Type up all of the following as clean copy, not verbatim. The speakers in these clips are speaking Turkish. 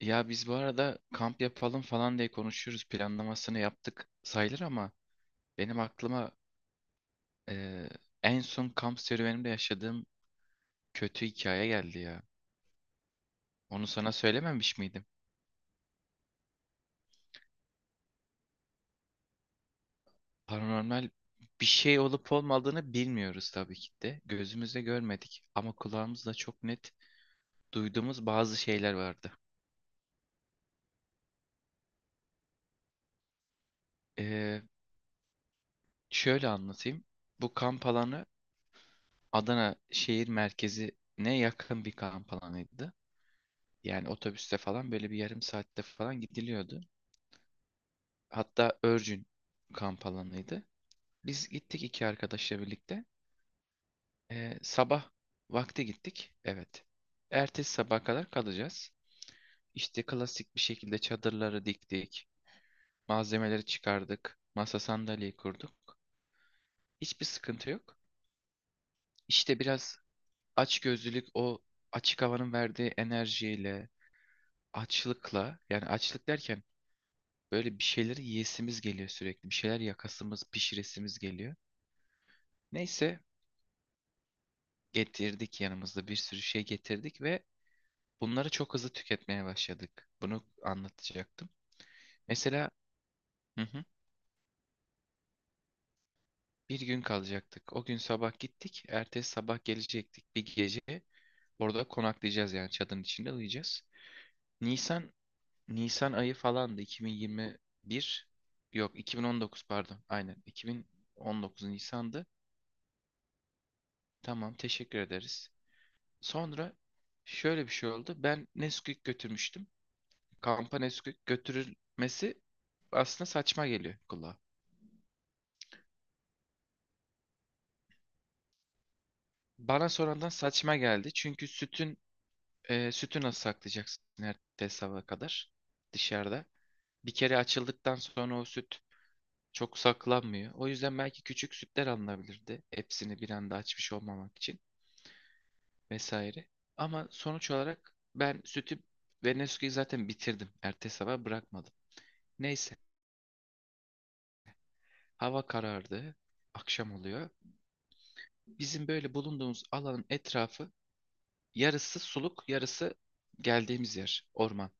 Ya biz bu arada kamp yapalım falan diye konuşuyoruz. Planlamasını yaptık sayılır ama benim aklıma eee, en son kamp serüvenimde yaşadığım kötü hikaye geldi ya. Onu sana söylememiş miydim? Paranormal bir şey olup olmadığını bilmiyoruz tabii ki de. Gözümüzle görmedik ama kulağımızla çok net duyduğumuz bazı şeyler vardı. Eee, Şöyle anlatayım. Bu kamp alanı Adana şehir merkezine yakın bir kamp alanıydı. Yani otobüste falan böyle bir yarım saatte falan gidiliyordu. Hatta örgün kamp alanıydı. Biz gittik iki arkadaşla birlikte. Sabah vakti gittik. Evet. Ertesi sabaha kadar kalacağız. İşte klasik bir şekilde çadırları diktik. Malzemeleri çıkardık. Masa sandalyeyi kurduk. Hiçbir sıkıntı yok. İşte biraz açgözlülük o açık havanın verdiği enerjiyle, açlıkla, yani açlık derken, böyle bir şeyleri yiyesimiz geliyor sürekli. Bir şeyler yakasımız, pişiresimiz geliyor. Neyse, getirdik yanımızda, bir sürü şey getirdik ve bunları çok hızlı tüketmeye başladık. Bunu anlatacaktım. Mesela, hı hı, bir gün kalacaktık. O gün sabah gittik. Ertesi sabah gelecektik. Bir gece orada konaklayacağız, yani çadırın içinde uyuyacağız. Nisan Nisan ayı falandı, 2021, yok 2019 pardon, aynen, 2019 Nisan'dı. Tamam teşekkür ederiz. Sonra şöyle bir şey oldu. Ben Nesquik götürmüştüm. Kampa Nesquik götürülmesi aslında saçma geliyor kulağa. Bana sonradan saçma geldi. Çünkü sütün, sütü nasıl saklayacaksın ertesi sabaha kadar dışarıda? Bir kere açıldıktan sonra o süt çok saklanmıyor. O yüzden belki küçük sütler alınabilirdi. Hepsini bir anda açmış olmamak için vesaire. Ama sonuç olarak ben sütü ve Nesquik'i zaten bitirdim. Ertesi sabah bırakmadım. Neyse. Hava karardı. Akşam oluyor. Bizim böyle bulunduğumuz alanın etrafı, yarısı suluk, yarısı geldiğimiz yer, orman.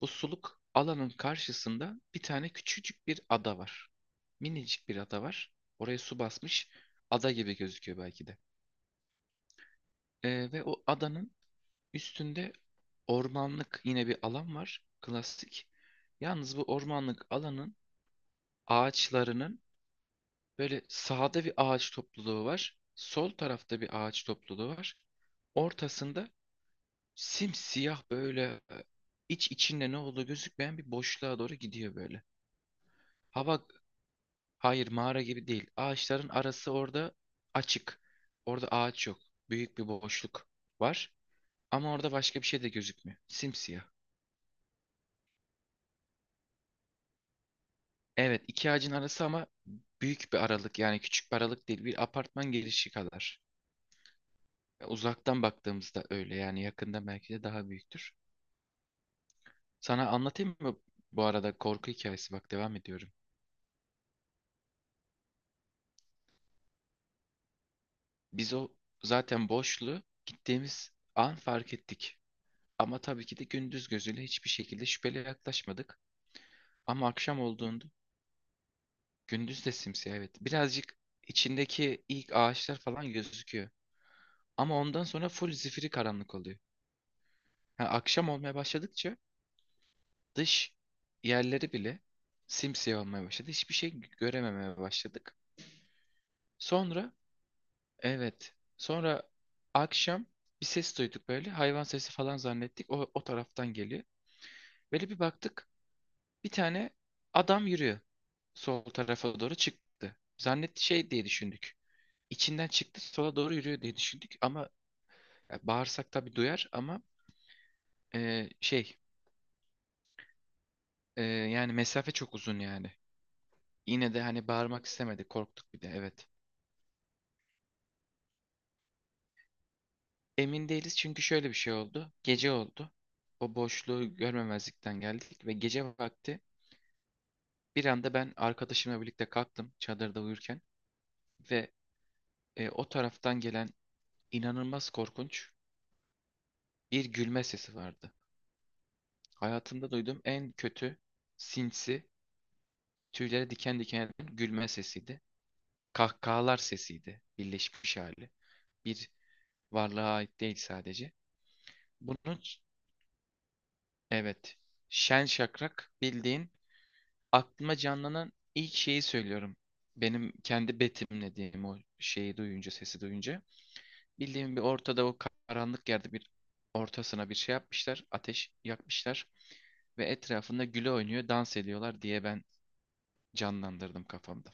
Bu suluk alanın karşısında bir tane küçücük bir ada var. Minicik bir ada var. Oraya su basmış. Ada gibi gözüküyor belki de. Ve o adanın üstünde ormanlık yine bir alan var. Klasik. Yalnız bu ormanlık alanın ağaçlarının, böyle sağda bir ağaç topluluğu var. Sol tarafta bir ağaç topluluğu var. Ortasında simsiyah böyle, iç içinde ne olduğu gözükmeyen bir boşluğa doğru gidiyor böyle. Hava, hayır mağara gibi değil. Ağaçların arası orada açık. Orada ağaç yok. Büyük bir boşluk var. Ama orada başka bir şey de gözükmüyor. Simsiyah. Evet, iki ağacın arası ama büyük bir aralık, yani küçük bir aralık değil. Bir apartman girişi kadar. Uzaktan baktığımızda öyle yani, yakında belki de daha büyüktür. Sana anlatayım mı, bu arada korku hikayesi bak, devam ediyorum. Biz o, zaten boşluğu gittiğimiz an fark ettik. Ama tabii ki de gündüz gözüyle hiçbir şekilde şüpheli yaklaşmadık. Ama akşam olduğunda, gündüz de simsiyah evet. Birazcık içindeki ilk ağaçlar falan gözüküyor. Ama ondan sonra full zifiri karanlık oluyor. Ha, akşam olmaya başladıkça dış yerleri bile simsiyah olmaya başladı. Hiçbir şey görememeye başladık. Sonra evet. Sonra akşam bir ses duyduk böyle. Hayvan sesi falan zannettik. O taraftan geliyor. Böyle bir baktık. Bir tane adam yürüyor. Sol tarafa doğru çıktı. Zannetti, şey diye düşündük. İçinden çıktı sola doğru yürüyor diye düşündük. Ama ya, bağırsak tabii duyar ama e, şey yani mesafe çok uzun yani. Yine de hani bağırmak istemedik. Korktuk bir de, evet. Emin değiliz çünkü şöyle bir şey oldu. Gece oldu. O boşluğu görmemezlikten geldik ve gece vakti bir anda ben arkadaşımla birlikte kalktım çadırda uyurken ve o taraftan gelen inanılmaz korkunç bir gülme sesi vardı. Hayatımda duyduğum en kötü, sinsi, tüylere diken diken eden gülme sesiydi. Kahkahalar sesiydi, birleşmiş hali. Bir varlığa ait değil sadece. Bunu, evet, şen şakrak, bildiğin aklıma canlanan ilk şeyi söylüyorum. Benim kendi betimlediğim o şeyi duyunca, sesi duyunca. Bildiğim bir ortada, o karanlık yerde bir ortasına bir şey yapmışlar. Ateş yakmışlar. Ve etrafında güle oynuyor, dans ediyorlar diye ben canlandırdım kafamda.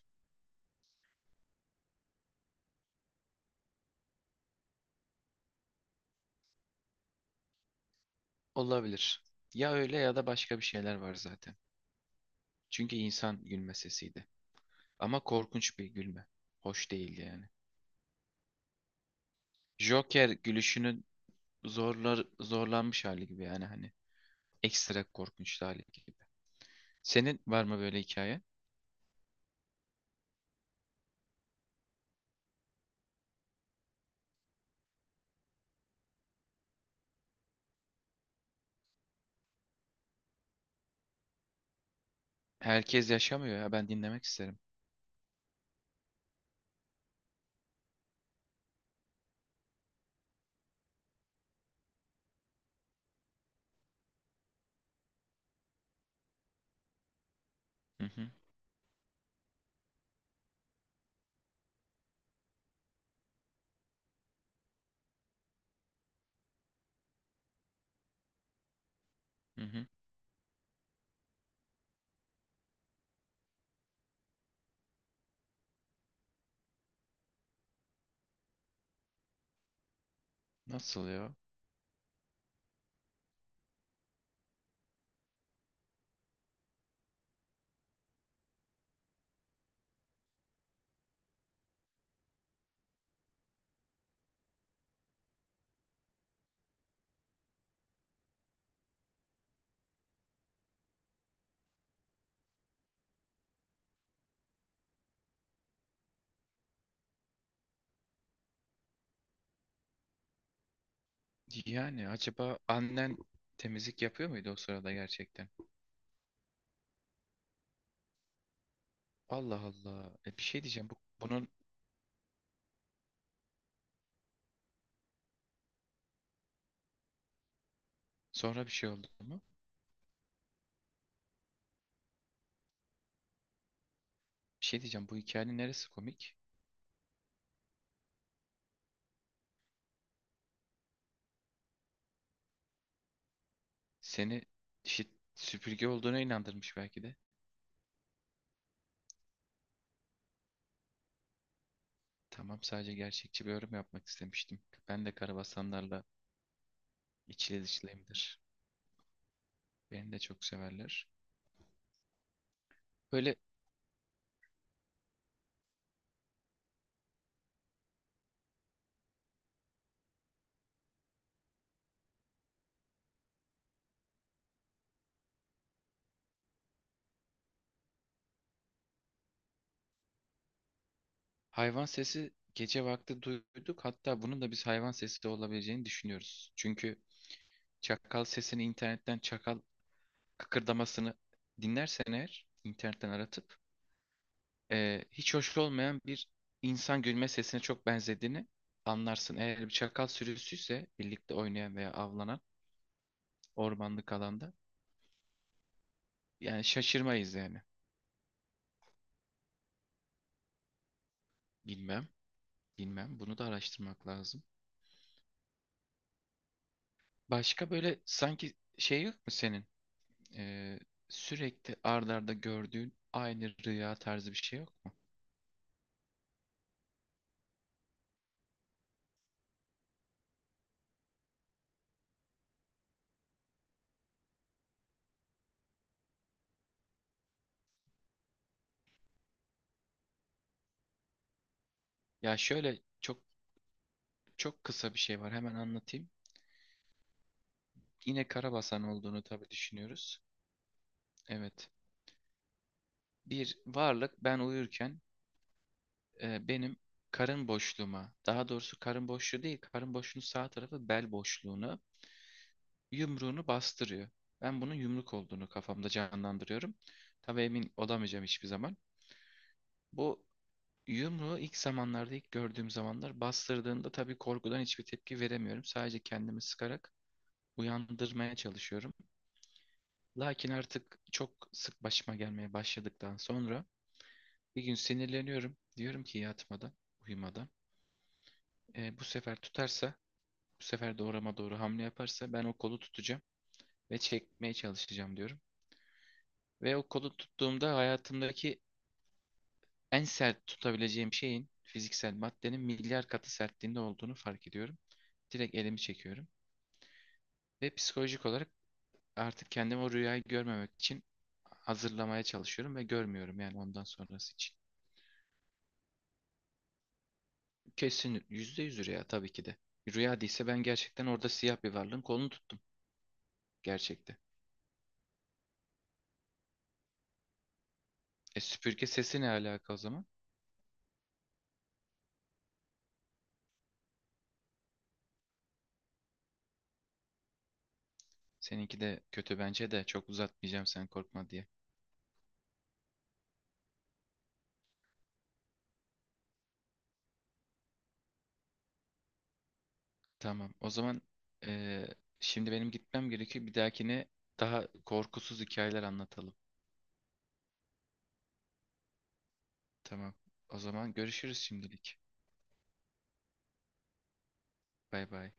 Olabilir. Ya öyle ya da başka bir şeyler var zaten. Çünkü insan gülme sesiydi. Ama korkunç bir gülme. Hoş değildi yani. Joker gülüşünün zorlanmış hali gibi, yani hani ekstra korkunç hali gibi. Senin var mı böyle hikaye? Herkes yaşamıyor ya, ben dinlemek isterim. Hı hı, hı hı. Nasıl ya? Yani acaba annen temizlik yapıyor muydu o sırada gerçekten? Allah Allah. E bir şey diyeceğim. Bunun sonra bir şey oldu mu? Bir şey diyeceğim. Bu hikayenin neresi komik? Seni, işte, süpürge olduğuna inandırmış belki de. Tamam, sadece gerçekçi bir yorum yapmak istemiştim. Ben de karabasanlarla içli dışlıyımdır. Beni de çok severler. Böyle hayvan sesi gece vakti duyduk. Hatta bunun da biz hayvan sesi de olabileceğini düşünüyoruz. Çünkü çakal sesini internetten, çakal kıkırdamasını dinlersen eğer internetten aratıp, hiç hoş olmayan bir insan gülme sesine çok benzediğini anlarsın. Eğer bir çakal sürüsüyse birlikte oynayan veya avlanan ormanlık alanda, yani şaşırmayız yani. Bilmem, bilmem. Bunu da araştırmak lazım. Başka böyle sanki şey yok mu senin? Ee, Sürekli ard arda gördüğün aynı rüya tarzı bir şey yok mu? Ya şöyle çok kısa bir şey var, hemen anlatayım. Yine karabasan olduğunu tabii düşünüyoruz. Evet. Bir varlık ben uyurken benim karın boşluğuma, daha doğrusu karın boşluğu değil, karın boşluğunun sağ tarafı bel boşluğunu, yumruğunu bastırıyor. Ben bunun yumruk olduğunu kafamda canlandırıyorum. Tabii emin olamayacağım hiçbir zaman. Bu yumruğu ilk zamanlarda, ilk gördüğüm zamanlar bastırdığında, tabii korkudan hiçbir tepki veremiyorum. Sadece kendimi sıkarak uyandırmaya çalışıyorum. Lakin artık çok sık başıma gelmeye başladıktan sonra bir gün sinirleniyorum. Diyorum ki yatmadan, uyumadan, "E, bu sefer tutarsa, bu sefer doğrama doğru hamle yaparsa ben o kolu tutacağım ve çekmeye çalışacağım," diyorum. Ve o kolu tuttuğumda hayatımdaki en sert tutabileceğim şeyin, fiziksel maddenin milyar katı sertliğinde olduğunu fark ediyorum. Direkt elimi çekiyorum. Ve psikolojik olarak artık kendimi o rüyayı görmemek için hazırlamaya çalışıyorum ve görmüyorum yani ondan sonrası için. Kesin %100 rüya tabii ki de. Rüya değilse ben gerçekten orada siyah bir varlığın kolunu tuttum gerçekte. E süpürge sesi ne alaka o zaman? Seninki de kötü bence de, çok uzatmayacağım sen korkma diye. Tamam o zaman, e, şimdi benim gitmem gerekiyor. Bir dahakine daha korkusuz hikayeler anlatalım. Tamam o zaman, görüşürüz şimdilik. Bay bay.